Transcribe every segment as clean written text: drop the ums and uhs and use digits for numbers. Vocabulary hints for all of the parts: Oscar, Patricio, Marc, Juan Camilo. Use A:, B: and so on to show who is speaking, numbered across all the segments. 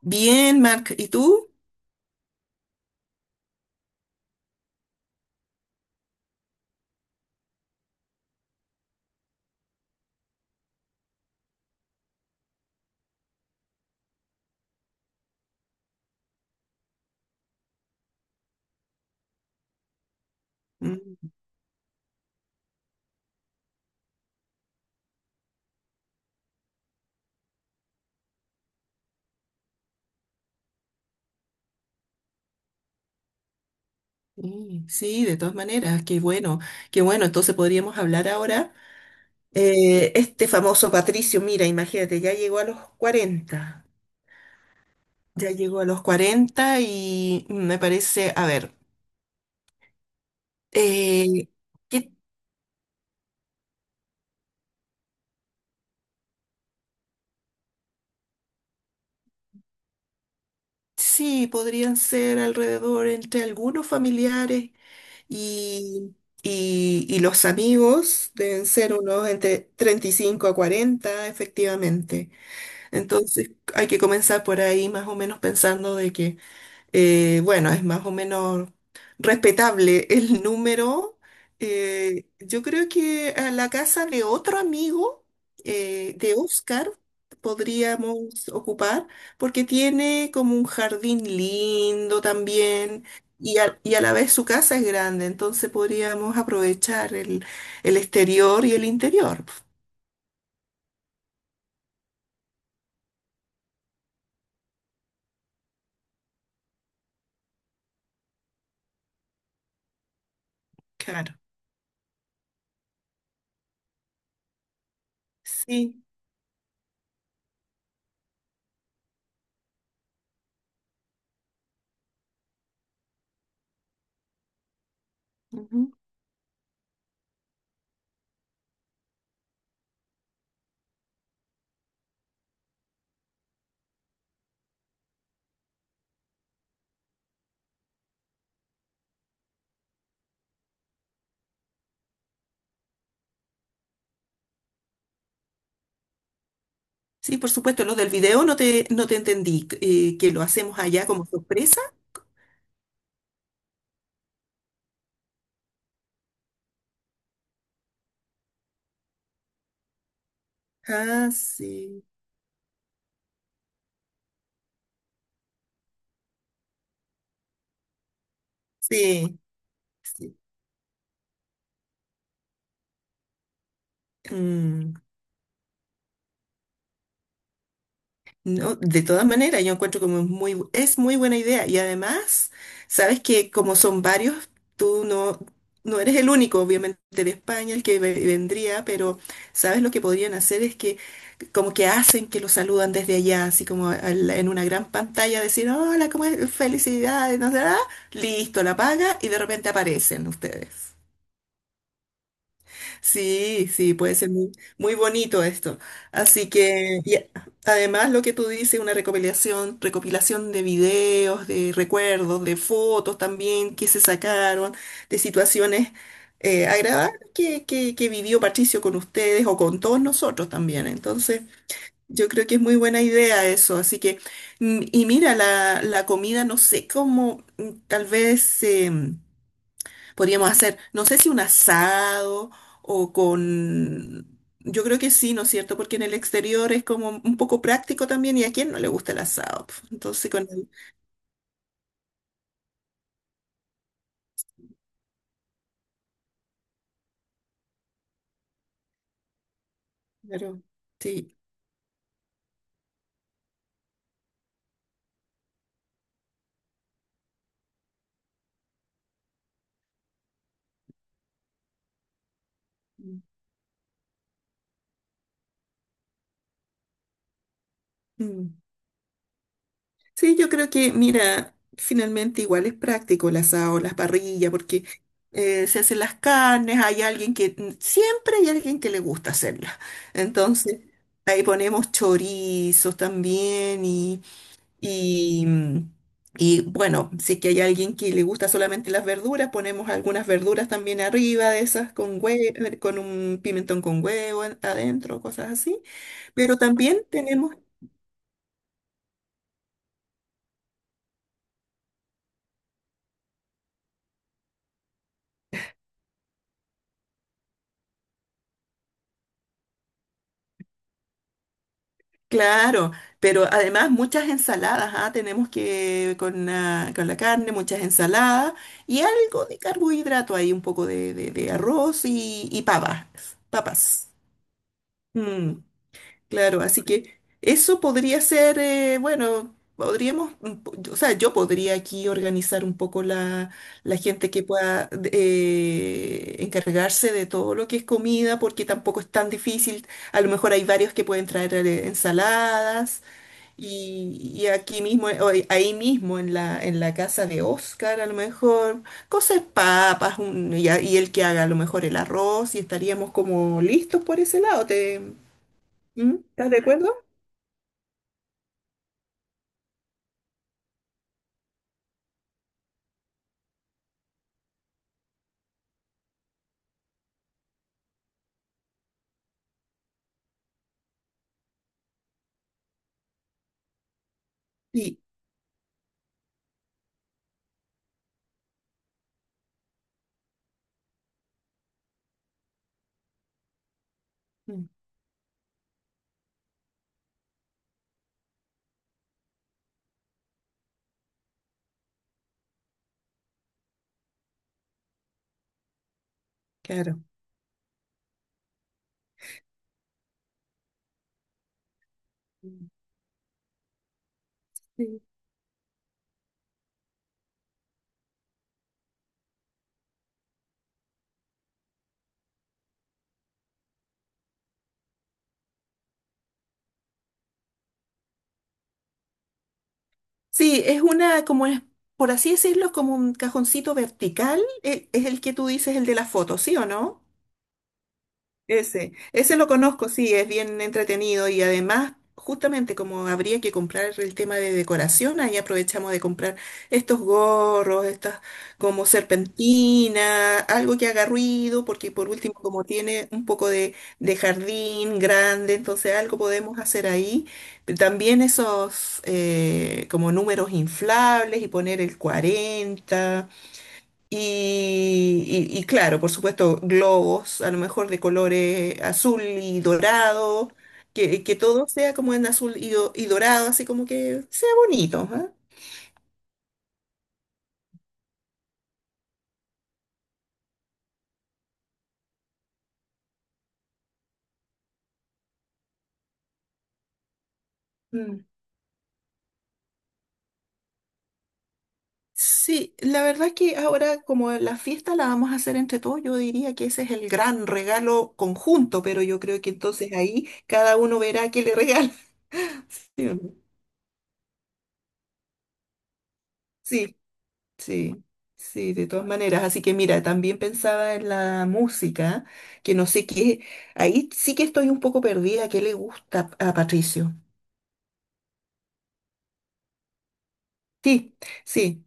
A: Bien, Mark, ¿y tú? Mm, Sí, sí, de todas maneras, qué bueno, qué bueno. Entonces podríamos hablar ahora. Este famoso Patricio, mira, imagínate, ya llegó a los 40. Ya llegó a los 40 y me parece, a ver, eh, que sí, podrían ser alrededor entre algunos familiares y, y los amigos, deben ser unos entre 35 a 40, efectivamente. Entonces hay que comenzar por ahí más o menos pensando de que, bueno, es más o menos respetable el número. Yo creo que a la casa de otro amigo, de Oscar, podríamos ocupar, porque tiene como un jardín lindo también. Y a la vez su casa es grande, entonces podríamos aprovechar el exterior y el interior. Claro. Sí. Ujú. Sí, por supuesto, lo del video no te entendí, que lo hacemos allá como sorpresa. Ah, sí, sí, sí. Mm, no, de todas maneras, yo encuentro como es muy, es muy buena idea y además, sabes que como son varios, tú no eres el único, obviamente, de España el que vendría, pero sabes lo que podrían hacer es que como que hacen que lo saludan desde allá, así como en una gran pantalla, decir, hola, ¿cómo es? Felicidades, no sé, ah, listo, la paga y de repente aparecen ustedes. Sí, sí, puede ser muy, muy bonito esto. Así que, y además lo que tú dices, una recopilación, recopilación de videos, de recuerdos, de fotos también que se sacaron, de situaciones agradables que vivió Patricio con ustedes o con todos nosotros también. Entonces, yo creo que es muy buena idea eso, así que, y mira, la comida, no sé cómo, tal vez podríamos hacer, no sé si un asado o con, yo creo que sí, ¿no es cierto? Porque en el exterior es como un poco práctico también y a quién no le gusta el asado. Pf, entonces, claro, sí. Mm. Mm. Sí, yo creo que, mira, finalmente igual es práctico el asado, las parrillas, porque se hacen las carnes, hay alguien que, siempre hay alguien que le gusta hacerlas. Entonces, ahí ponemos chorizos también y, mm, y, bueno, si es que hay alguien que le gusta solamente las verduras, ponemos algunas verduras también arriba de esas con con un pimentón con huevo adentro, cosas así. Pero también tenemos. Claro, pero además muchas ensaladas, ah, tenemos que con la carne, muchas ensaladas y algo de carbohidrato ahí, un poco de arroz y papas, papas. Mm, claro, así que eso podría ser, bueno, podríamos, o sea, yo podría aquí organizar un poco la gente que pueda encargarse de todo lo que es comida, porque tampoco es tan difícil. A lo mejor hay varios que pueden traer ensaladas. Y aquí mismo, o ahí mismo en la casa de Oscar, a lo mejor, cosas papas, y él que haga a lo mejor el arroz, y estaríamos como listos por ese lado. ¿Mm? ¿Estás de acuerdo? Sí, mm, claro. Mm, sí, sí, es una, como es, por así decirlo, es como un cajoncito vertical, es el que tú dices, el de la foto, ¿sí o no? Ese lo conozco, sí, es bien entretenido y además, justamente como habría que comprar el tema de decoración, ahí aprovechamos de comprar estos gorros, estas como serpentina, algo que haga ruido, porque por último, como tiene un poco de jardín grande, entonces algo podemos hacer ahí. También esos como números inflables y poner el 40 y, y claro, por supuesto, globos, a lo mejor de colores azul y dorado, que todo sea como en azul y dorado, así como que sea bonito, ¿ah? Mm. Sí, la verdad es que ahora como la fiesta la vamos a hacer entre todos, yo diría que ese es el gran regalo conjunto, pero yo creo que entonces ahí cada uno verá qué le regala. ¿Sí o no? Sí. Sí, sí, de todas maneras. Así que mira, también pensaba en la música, que no sé qué, ahí sí que estoy un poco perdida, ¿qué le gusta a Patricio? Sí, sí,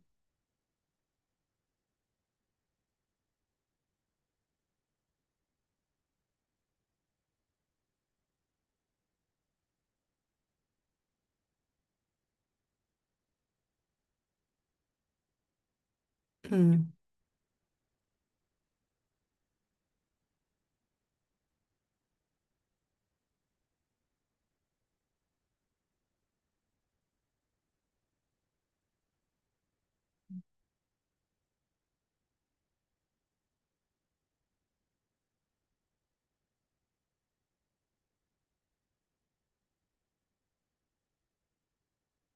A: mm,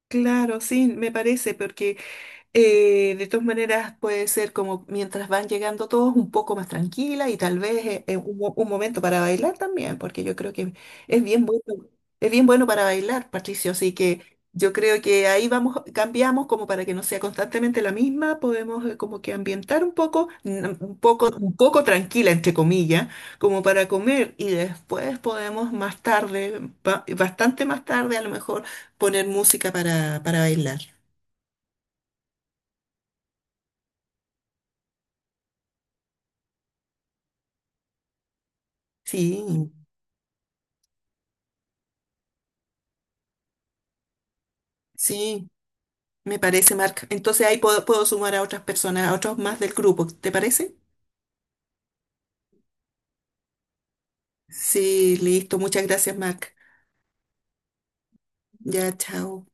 A: claro, sí, me parece, porque de todas maneras, puede ser como mientras van llegando todos un poco más tranquila y tal vez un momento para bailar también, porque yo creo que es bien bueno, es bien bueno para bailar, Patricio. Así que yo creo que ahí vamos, cambiamos como para que no sea constantemente la misma, podemos como que ambientar un poco, un poco tranquila, entre comillas, como para comer y después podemos más tarde, bastante más tarde, a lo mejor poner música para bailar. Sí. Sí, me parece, Marc. Entonces ahí puedo sumar a otras personas, a otros más del grupo, ¿te parece? Sí, listo. Muchas gracias, Marc. Ya, chao.